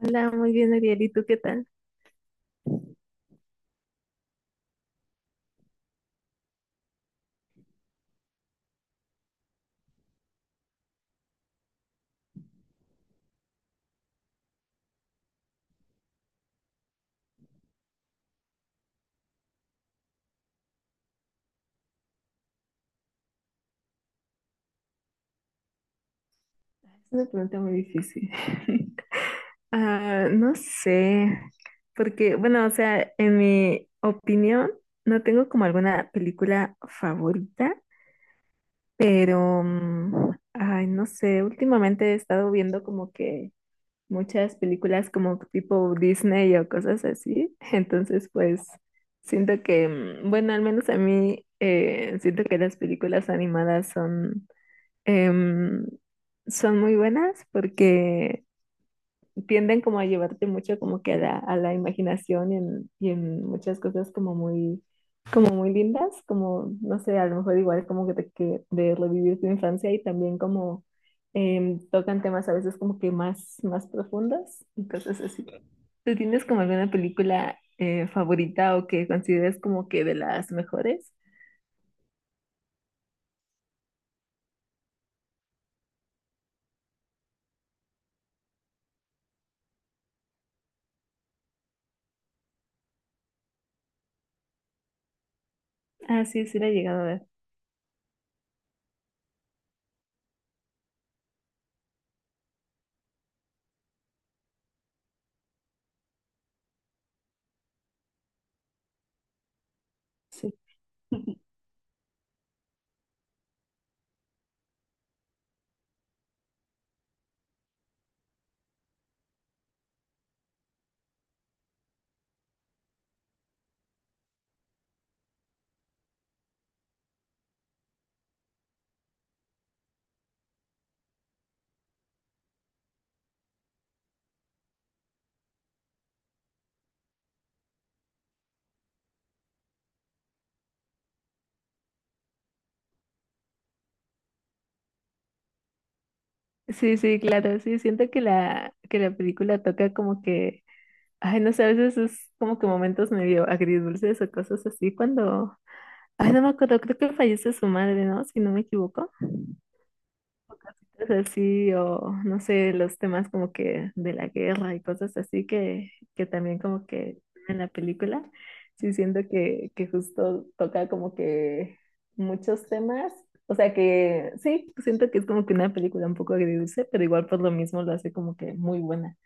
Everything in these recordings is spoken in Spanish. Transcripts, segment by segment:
Hola, muy bien, Ariel. ¿Y tú qué tal? Es una pregunta muy difícil. Ah, no sé, porque, bueno, o sea, en mi opinión, no tengo como alguna película favorita, pero, ay, no sé, últimamente he estado viendo como que muchas películas como tipo Disney o cosas así. Entonces, pues, siento que, bueno, al menos a mí, siento que las películas animadas em, son muy buenas porque tienden como a llevarte mucho como que a la, imaginación y en muchas cosas como muy lindas, como, no sé, a lo mejor igual como que, que de revivir tu infancia y también como tocan temas a veces como que más, más profundos y cosas así. ¿Tú tienes como alguna película favorita o que consideres como que de las mejores? Ah, sí, sí la he llegado a ver. Sí, sí, sí, claro, sí, siento que la, película toca como que ay, no sé, a veces es como que momentos medio agridulces o cosas así cuando, ay, no me acuerdo, creo que fallece su madre, ¿no? Si no me equivoco. Entonces así, o no sé, los temas como que de la guerra y cosas así que, también como que en la película, sí siento que justo toca como que muchos temas. O sea que sí, siento que es como que una película un poco agridulce, pero igual por lo mismo lo hace como que muy buena.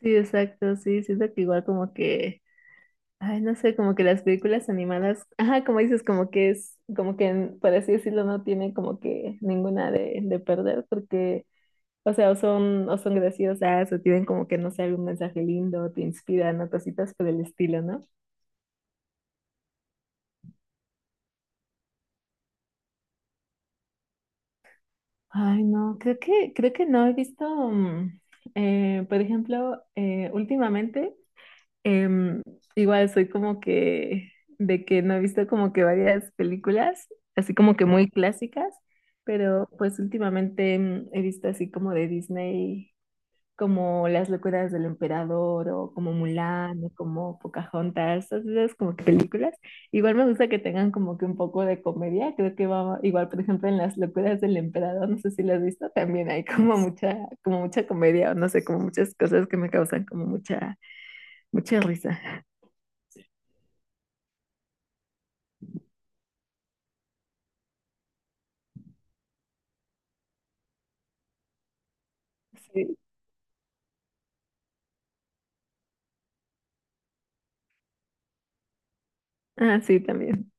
Sí, exacto, sí, siento que igual como que ay, no sé, como que las películas animadas, ajá, como dices, como que es, como que, por así decirlo, no tiene como que ninguna de, perder, porque, o sea, o son graciosas, o tienen como que, no sé, algún mensaje lindo, o te inspiran, o cositas por el estilo, ¿no? Ay, no, creo que no he visto, mm, por ejemplo, últimamente. Em, Igual soy como que de que no he visto como que varias películas, así como que muy clásicas, pero pues últimamente he visto así como de Disney, como Las locuras del emperador o como Mulan o como Pocahontas, todas esas como que películas. Igual me gusta que tengan como que un poco de comedia, creo que va igual, por ejemplo, en Las locuras del emperador, no sé si lo has visto, también hay como mucha comedia o no sé, como muchas cosas que me causan como mucha mucha risa. Sí. Ah, sí, también.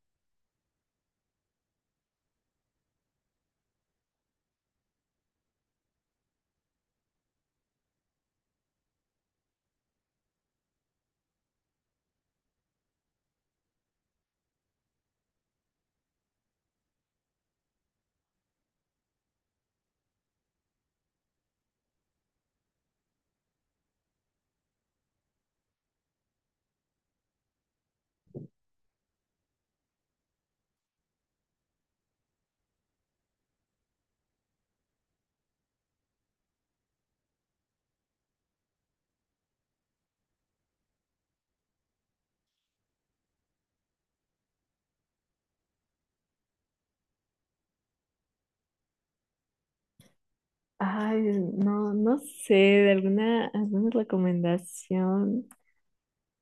Ay, no, no sé, de alguna recomendación.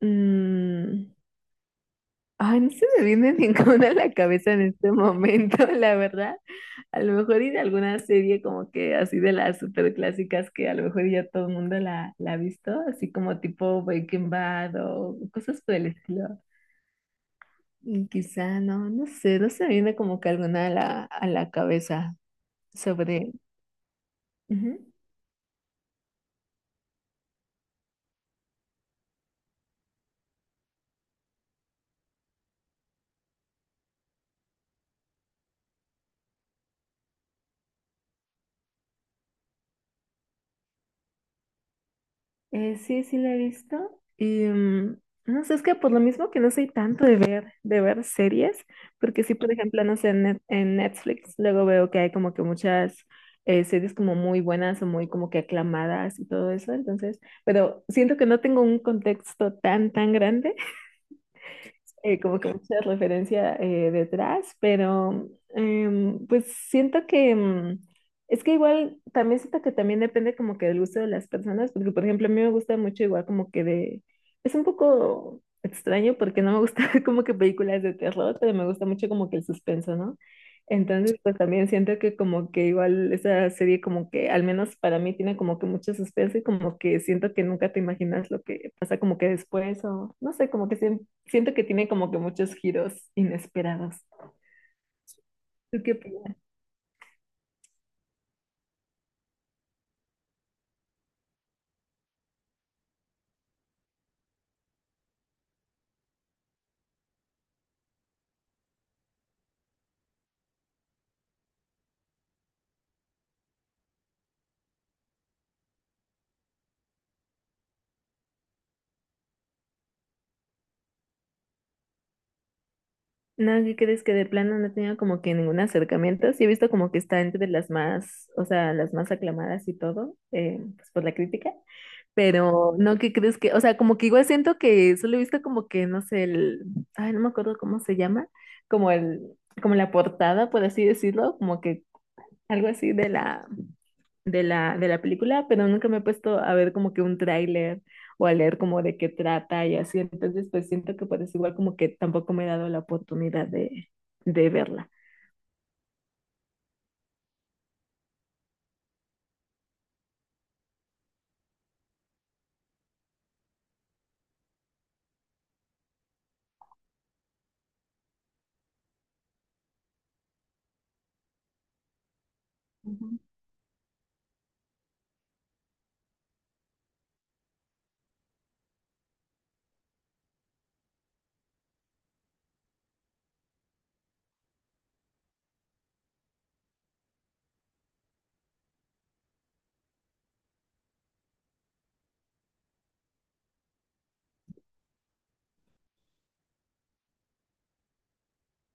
Mm, Ay, no se me viene ninguna a la cabeza en este momento, la verdad. A lo mejor ir a alguna serie como que así de las super clásicas que a lo mejor ya todo el mundo la ha visto, así como tipo Breaking Bad o cosas por el estilo. Y quizá no, no sé, no se me viene como que alguna a la cabeza sobre. Ujú. Sí, sí la he visto. Y no sé, es que por lo mismo que no soy tanto de ver series, porque sí, por ejemplo, no sé, en Netflix luego veo que hay como que muchas series como muy buenas o muy como que aclamadas y todo eso, entonces, pero siento que no tengo un contexto tan, tan grande como que mucha referencia detrás, pero pues siento que es que igual también siento que también depende como que del gusto de las personas, porque por ejemplo a mí me gusta mucho igual como que es un poco extraño porque no me gusta como que películas de terror, pero me gusta mucho como que el suspenso, ¿no? Entonces, pues también siento que como que igual esa serie como que, al menos para mí, tiene como que mucho suspenso y como que siento que nunca te imaginas lo que pasa como que después o no sé, como que siento que tiene como que muchos giros inesperados. ¿Tú qué opinas? No, ¿qué crees que de plano no tenía como que ningún acercamiento? Sí he visto como que está entre las más, o sea, las más aclamadas y todo, pues por la crítica, pero no, ¿qué crees que? O sea, como que igual siento que solo he visto como que, no sé, el, ay, no me acuerdo cómo se llama, como el, como la portada, por así decirlo, como que algo así de la película, pero nunca me he puesto a ver como que un tráiler o a leer como de qué trata y así. Entonces, pues siento que pues igual como que tampoco me he dado la oportunidad de verla. Ujú,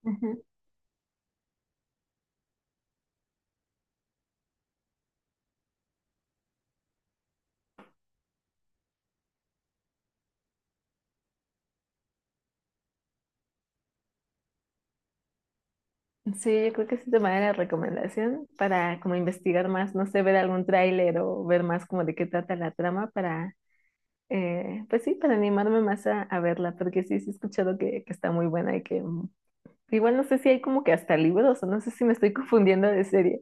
ujú. Sí, yo creo que sí te manera de recomendación para como investigar más, no sé, ver algún tráiler o ver más como de qué trata la trama para, pues sí, para animarme más a verla, porque sí he escuchado que, está muy buena y que igual no sé si hay como que hasta libros o no sé si me estoy confundiendo de serie.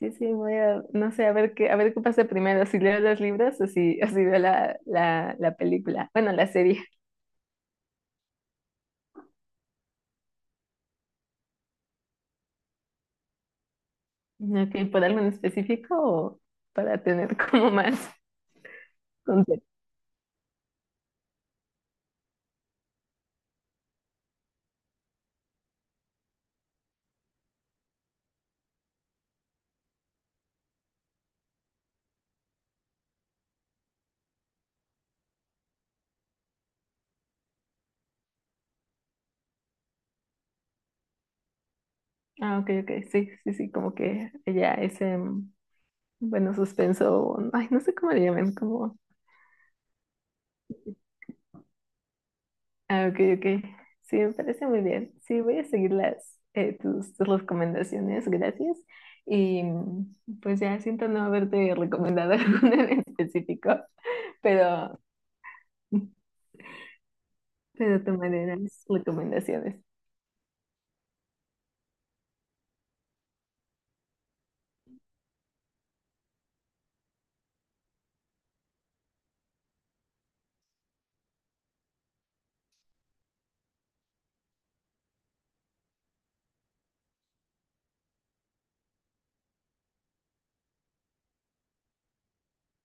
Sí, sí, voy a, no sé, a ver qué pasa primero, si leo los libros o si, o si veo la película, bueno, la serie. Ok, ¿por algo en específico o para tener como más? Ah, ok, ok, sí, sí, sí, como que ella ese, bueno, suspenso, ay, no sé cómo le llaman, como, ah, ok, ok, sí, me parece muy bien, sí, voy a seguir tus recomendaciones, gracias, y pues ya siento no haberte recomendado alguna en específico, pero, pero tomaré las recomendaciones.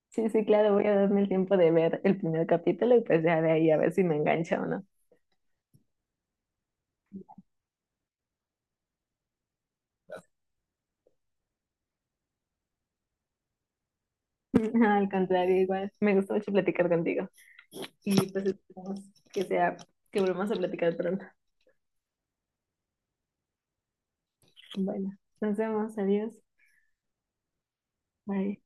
Sí, sí, claro, voy a darme el tiempo de ver el primer capítulo y pues ya de ahí a ver si me engancha o no. Al contrario, igual, me gustó mucho platicar contigo. Y pues esperamos que sea, que volvamos a platicar pronto. Bueno, nos vemos, adiós, bye.